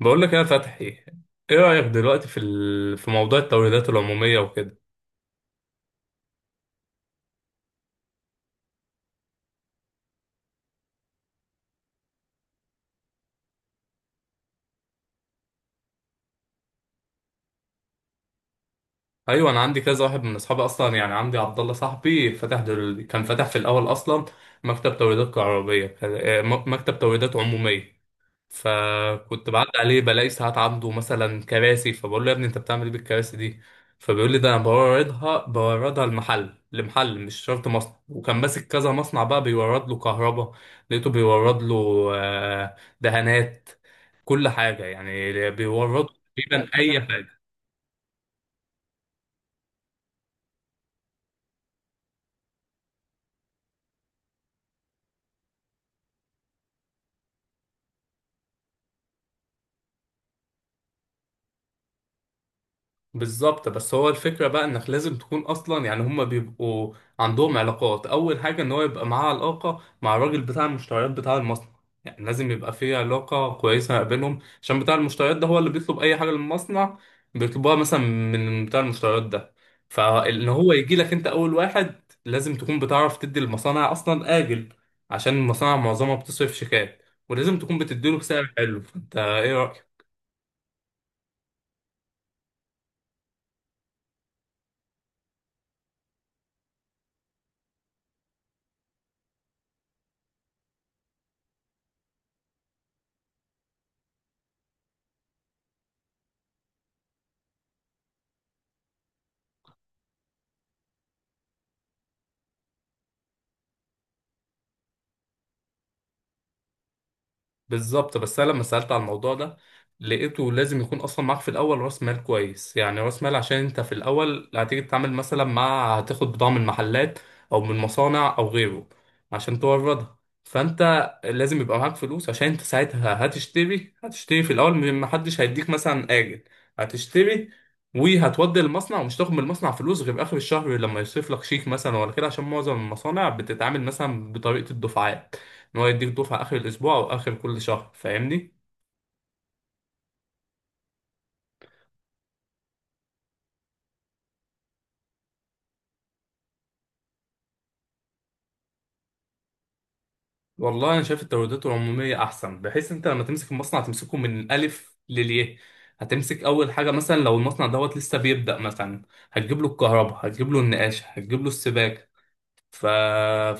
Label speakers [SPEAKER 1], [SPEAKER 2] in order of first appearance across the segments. [SPEAKER 1] بقول لك يا فتحي، ايه رأيك دلوقتي في موضوع التوريدات العمومية وكده؟ ايوه، انا عندي كذا واحد من اصحابي اصلا، يعني عندي عبد الله صاحبي كان فتح في الاول اصلا مكتب توريدات كهربائية، مكتب توريدات عمومية. فكنت بعدي عليه بلاقي ساعات عنده مثلا كراسي، فبقول له يا ابني انت بتعمل ايه بالكراسي دي؟ فبيقول لي ده انا بوردها المحل لمحل، مش شرط مصنع. وكان ماسك كذا مصنع، بقى بيورد له كهرباء، لقيته بيورد له دهانات، كل حاجة يعني بيورد له، تقريبا اي حاجة. بالظبط، بس هو الفكرة بقى انك لازم تكون اصلا، يعني هما بيبقوا عندهم علاقات. اول حاجة ان هو يبقى معاه علاقة مع الراجل بتاع المشتريات بتاع المصنع، يعني لازم يبقى في علاقة كويسة ما بينهم، عشان بتاع المشتريات ده هو اللي بيطلب اي حاجة للمصنع، بيطلبوها مثلا من بتاع المشتريات ده. فان هو يجي لك انت اول واحد، لازم تكون بتعرف تدي المصانع اصلا اجل، عشان المصانع معظمها بتصرف شيكات، ولازم تكون بتديله سعر حلو. فانت ايه رأيك؟ بالظبط، بس انا لما سالت على الموضوع ده لقيته لازم يكون اصلا معاك في الاول راس مال كويس، يعني راس مال عشان انت في الاول هتيجي تتعامل مثلا مع، هتاخد بضاعه من محلات او من مصانع او غيره عشان توردها. فانت لازم يبقى معاك فلوس، عشان انت ساعتها هتشتري في الاول من، محدش هيديك مثلا اجل، هتشتري وهتودي المصنع ومش تاخد من المصنع فلوس غير اخر الشهر لما يصرف لك شيك مثلا ولا كده، عشان معظم المصانع بتتعامل مثلا بطريقه الدفعات، ان هو يديك دفعه اخر الاسبوع او اخر كل شهر، فاهمني؟ والله انا شايف التوريدات العموميه احسن، بحيث انت لما تمسك المصنع تمسكه من الالف للياء. هتمسك اول حاجه مثلا، لو المصنع دوت لسه بيبدا مثلا، هتجيب له الكهرباء، هتجيب له النقاش، هتجيب له السباكه. ف...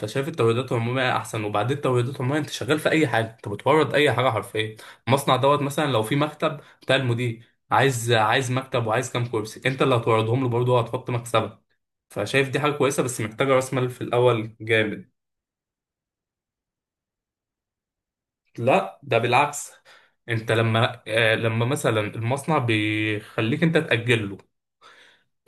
[SPEAKER 1] فشايف التوريدات العموميه احسن. وبعدين التوريدات العموميه انت شغال في اي حاجه، انت بتورد اي حاجه حرفيا. المصنع دوت مثلا، لو في مكتب بتاع المدير، عايز مكتب وعايز كام كرسي، انت اللي هتوردهم له، برضه هتحط مكسبك. فشايف دي حاجة كويسة، بس محتاجة راس مال في الأول جامد. لا ده بالعكس، انت لما لما مثلا المصنع بيخليك انت تأجل له،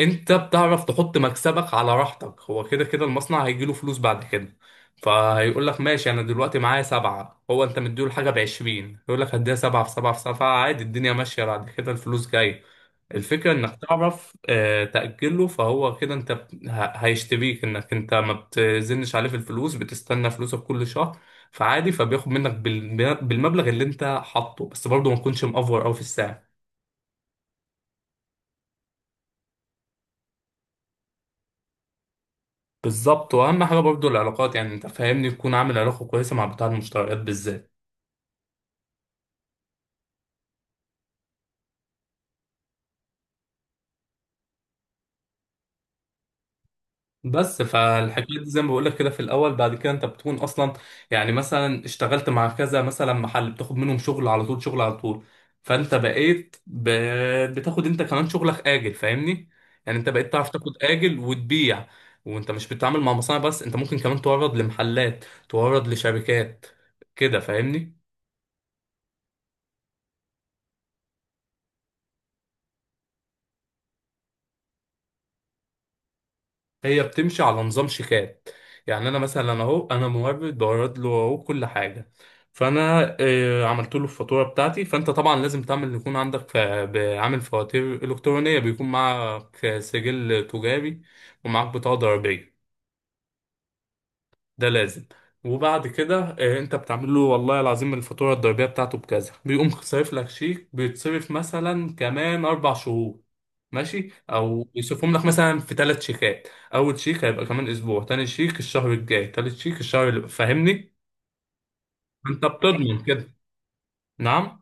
[SPEAKER 1] انت بتعرف تحط مكسبك على راحتك، هو كده كده المصنع هيجيله فلوس بعد كده. فهيقول لك ماشي، انا دلوقتي معايا سبعة، هو انت مديله الحاجة بعشرين، يقول لك هديها سبعة في سبعة في سبعة عادي، الدنيا ماشية، بعد كده الفلوس جاية. الفكرة انك تعرف تأجله. فهو كده انت هيشتريك، انك انت ما بتزنش عليه في الفلوس، بتستنى فلوسك كل شهر، فعادي. فبياخد منك بالمبلغ اللي انت حاطه، بس برضه ما تكونش مأفور قوي في السعر. بالظبط، واهم حاجه برضو العلاقات، يعني انت فاهمني، تكون عامل علاقه كويسه مع بتاع المشتريات بالذات. بس فالحكايه دي زي ما بقول لك كده في الاول، بعد كده انت بتكون اصلا، يعني مثلا اشتغلت مع كذا مثلا محل، بتاخد منهم شغل على طول شغل على طول. فانت بتاخد انت كمان شغلك اجل، فاهمني؟ يعني انت بقيت تعرف تاخد اجل وتبيع. وانت مش بتتعامل مع مصانع بس، انت ممكن كمان تورد لمحلات، تورد لشركات كده، فاهمني؟ هي بتمشي على نظام شيكات. يعني انا مثلا، اهو انا مورد، بورد له اهو كل حاجه، فانا عملت له الفاتوره بتاعتي. فانت طبعا لازم تعمل، يكون عندك، عامل فواتير الكترونيه، بيكون معك سجل تجاري، ومعاك بطاقه ضريبيه، ده لازم. وبعد كده انت بتعمل له والله العظيم الفاتوره الضريبيه بتاعته بكذا، بيقوم صارف لك شيك، بيتصرف مثلا كمان اربع شهور ماشي، او بيصرفهم لك مثلا في ثلاث شيكات. اول شيك هيبقى كمان اسبوع، تاني شيك الشهر الجاي، تالت شيك الشهر اللي، فاهمني؟ انت بتضمن كده. نعم،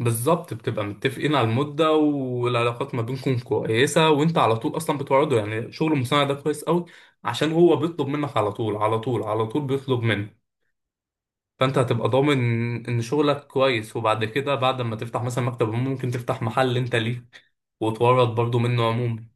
[SPEAKER 1] بالظبط، بتبقى متفقين على المده، والعلاقات ما بينكم كويسه، وانت على طول اصلا بتوعده، يعني شغل المصنع ده كويس قوي، عشان هو بيطلب منك على طول على طول على طول بيطلب منك. فانت هتبقى ضامن ان شغلك كويس، وبعد كده بعد ما تفتح مثلا مكتب ممكن تفتح محل انت ليك، وتورط برضو منه عموما.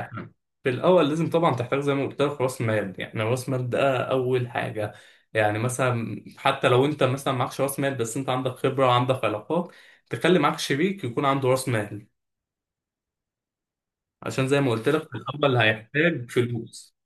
[SPEAKER 1] احنا في الاول لازم طبعا تحتاج زي ما قلت لك راس مال، يعني راس مال ده اول حاجه. يعني مثلا حتى لو انت مثلا معكش راس مال، بس انت عندك خبره وعندك علاقات، تخلي معاك شريك يكون عنده راس مال، عشان زي ما قلت لك في الاول هيحتاج فلوس.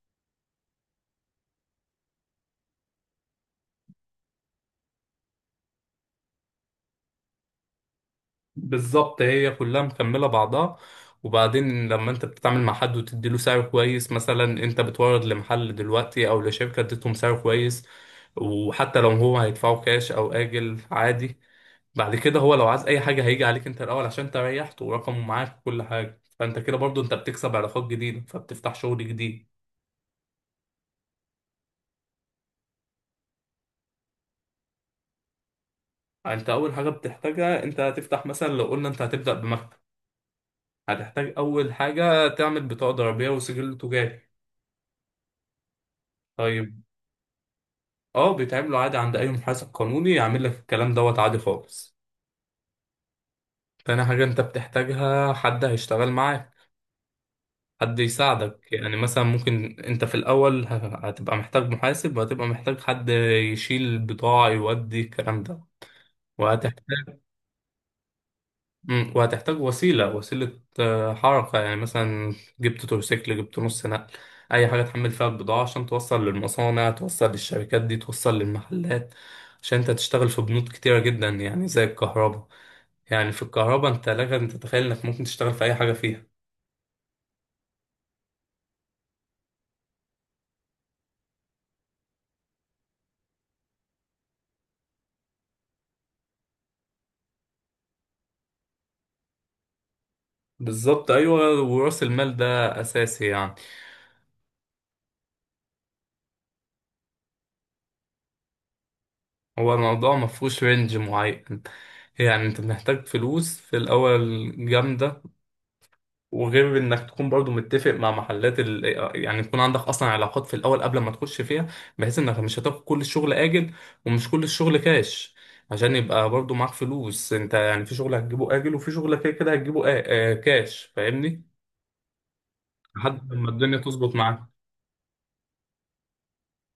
[SPEAKER 1] بالظبط، هي كلها مكملة بعضها. وبعدين لما انت بتتعامل مع حد وتديله سعر كويس، مثلا انت بتورد لمحل دلوقتي او لشركة، اديتهم سعر كويس، وحتى لو هو هيدفعه كاش او آجل عادي، بعد كده هو لو عايز اي حاجة هيجي عليك انت الاول، عشان انت ريحته ورقمه معاك وكل حاجة. فانت كده برضو انت بتكسب علاقات جديدة، فبتفتح شغل جديد. انت اول حاجة بتحتاجها، انت هتفتح مثلا، لو قلنا انت هتبدأ بمكتب، هتحتاج اول حاجة تعمل بطاقة ضريبية وسجل تجاري. طيب، اه بيتعملوا عادي عند اي محاسب قانوني، يعمل لك الكلام دوت عادي خالص. تاني حاجة انت بتحتاجها حد هيشتغل معاك، حد يساعدك، يعني مثلا ممكن انت في الاول هتبقى محتاج محاسب، وهتبقى محتاج حد يشيل البضاعة يودي الكلام ده. وهتحتاج وهتحتاج وسيلة حركة، يعني مثلا جبت تروسيكل، جبت نص نقل، اي حاجة تحمل فيها البضاعة عشان توصل للمصانع، توصل للشركات دي، توصل للمحلات. عشان انت تشتغل في بنود كتيرة جدا، يعني زي الكهرباء. يعني في الكهرباء انت لك ان تتخيل انك ممكن تشتغل في اي حاجه فيها. بالظبط ايوه، وراس المال ده اساسي يعني. هو الموضوع ما فيهوش رينج معين، يعني انت محتاج فلوس في الاول جامده، وغير انك تكون برضو متفق مع محلات يعني يكون عندك اصلا علاقات في الاول قبل ما تخش فيها، بحيث انك مش هتاخد كل الشغل اجل، ومش كل الشغل كاش، عشان يبقى برضو معاك فلوس انت، يعني في شغل هتجيبه اجل، وفي شغل كده كده هتجيبه كاش، فاهمني؟ لحد ما الدنيا تظبط معاك.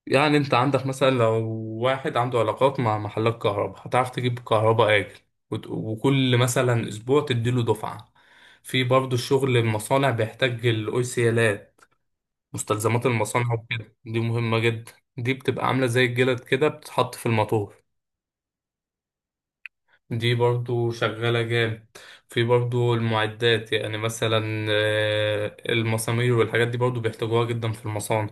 [SPEAKER 1] يعني انت عندك مثلا، لو واحد عنده علاقات مع محلات كهرباء، هتعرف تجيب كهرباء اجل، وكل مثلا اسبوع تديله دفعة. في برضه الشغل المصانع بيحتاج الاوسيالات، مستلزمات المصانع وكده، دي مهمة جدا. دي بتبقى عاملة زي الجلد كده، بتتحط في الموتور. دي برضه شغالة جامد. في برضه المعدات، يعني مثلا المسامير والحاجات دي برضه بيحتاجوها جدا في المصانع.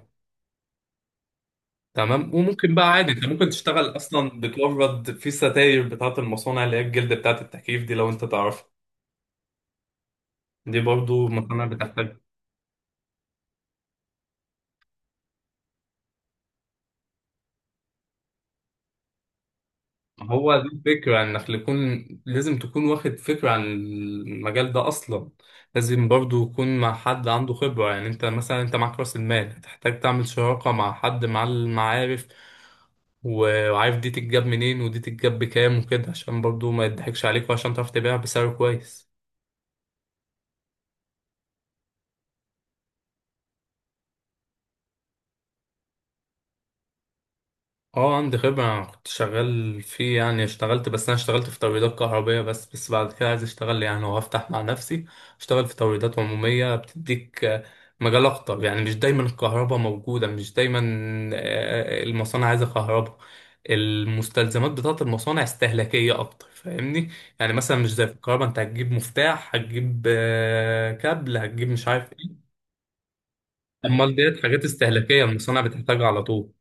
[SPEAKER 1] تمام، وممكن بقى عادي انت ممكن تشتغل اصلا، بتورد في ستاير بتاعه المصانع، اللي هي الجلد بتاعه التكييف دي لو انت تعرفها، دي برضو مصانع بتحتاج. هو دي الفكرة، انك يكون لازم تكون واخد فكرة عن المجال ده اصلا. لازم برضو يكون مع حد عنده خبرة، يعني انت مثلا انت معاك راس المال، هتحتاج تعمل شراكة مع حد، مع المعارف، وعارف دي تتجاب منين، ودي تتجاب بكام وكده، عشان برضو ما يضحكش عليك، وعشان تعرف تبيعها بسعر كويس. اه عندي خبرة، أنا كنت شغال فيه يعني، اشتغلت، بس أنا اشتغلت في توريدات كهربية بس بعد كده عايز اشتغل يعني، وأفتح مع نفسي، اشتغل في توريدات عمومية، بتديك مجال أكتر، يعني مش دايما الكهرباء موجودة، مش دايما المصانع عايزة كهرباء. المستلزمات بتاعة المصانع استهلاكية أكتر، فاهمني؟ يعني مثلا مش زي في الكهرباء، أنت هتجيب مفتاح، هتجيب كابل، هتجيب مش عارف إيه. أمال ديت حاجات استهلاكية المصانع بتحتاجها على طول.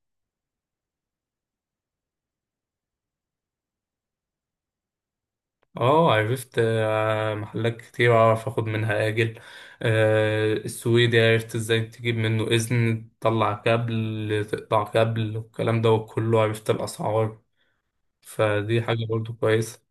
[SPEAKER 1] اه عرفت محلات كتير اعرف اخد منها اجل، السويدي عرفت ازاي تجيب منه اذن، تطلع كابل، تقطع كابل، والكلام ده كله، عرفت الاسعار، فدي حاجة برضو كويسة.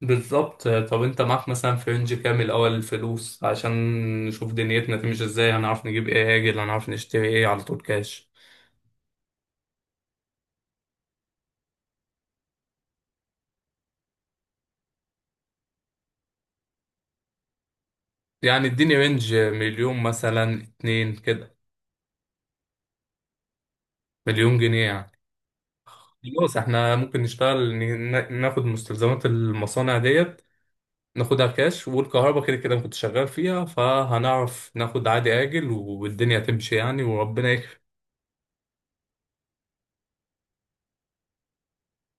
[SPEAKER 1] بالظبط، طب انت معاك مثلا في رينج كامل اول الفلوس، عشان نشوف دنيتنا تمشي ازاي، هنعرف نجيب ايه اجل، هنعرف نشتري ايه على طول كاش. يعني اديني رينج 1 مليون مثلا 2 كده، 1 مليون جنيه يعني. خلاص احنا ممكن نشتغل، ناخد مستلزمات المصانع ديت، ناخدها كاش، والكهرباء كده كده أنا كنت شغال فيها، فهنعرف ناخد عادي آجل، والدنيا تمشي يعني، وربنا يكرم.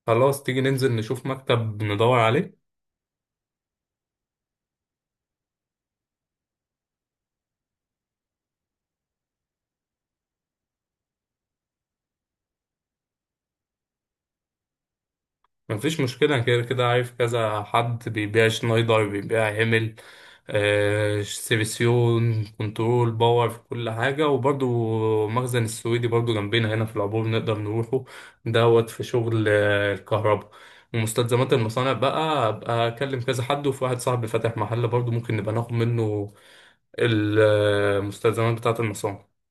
[SPEAKER 1] خلاص تيجي ننزل نشوف مكتب ندور عليه. مفيش مشكلة، كده كده عارف كذا حد، بيبيع شنايدر، بيبيع هيمل، آه سيفيسيون كنترول باور، في كل حاجة، وبرضو مخزن السويدي برضو جنبنا هنا في العبور، نقدر نروحه. دوت في شغل الكهرباء. ومستلزمات المصانع بقى أبقى أكلم كذا حد، وفي واحد صاحبي فاتح محل برضو ممكن نبقى ناخد منه المستلزمات بتاعة المصانع.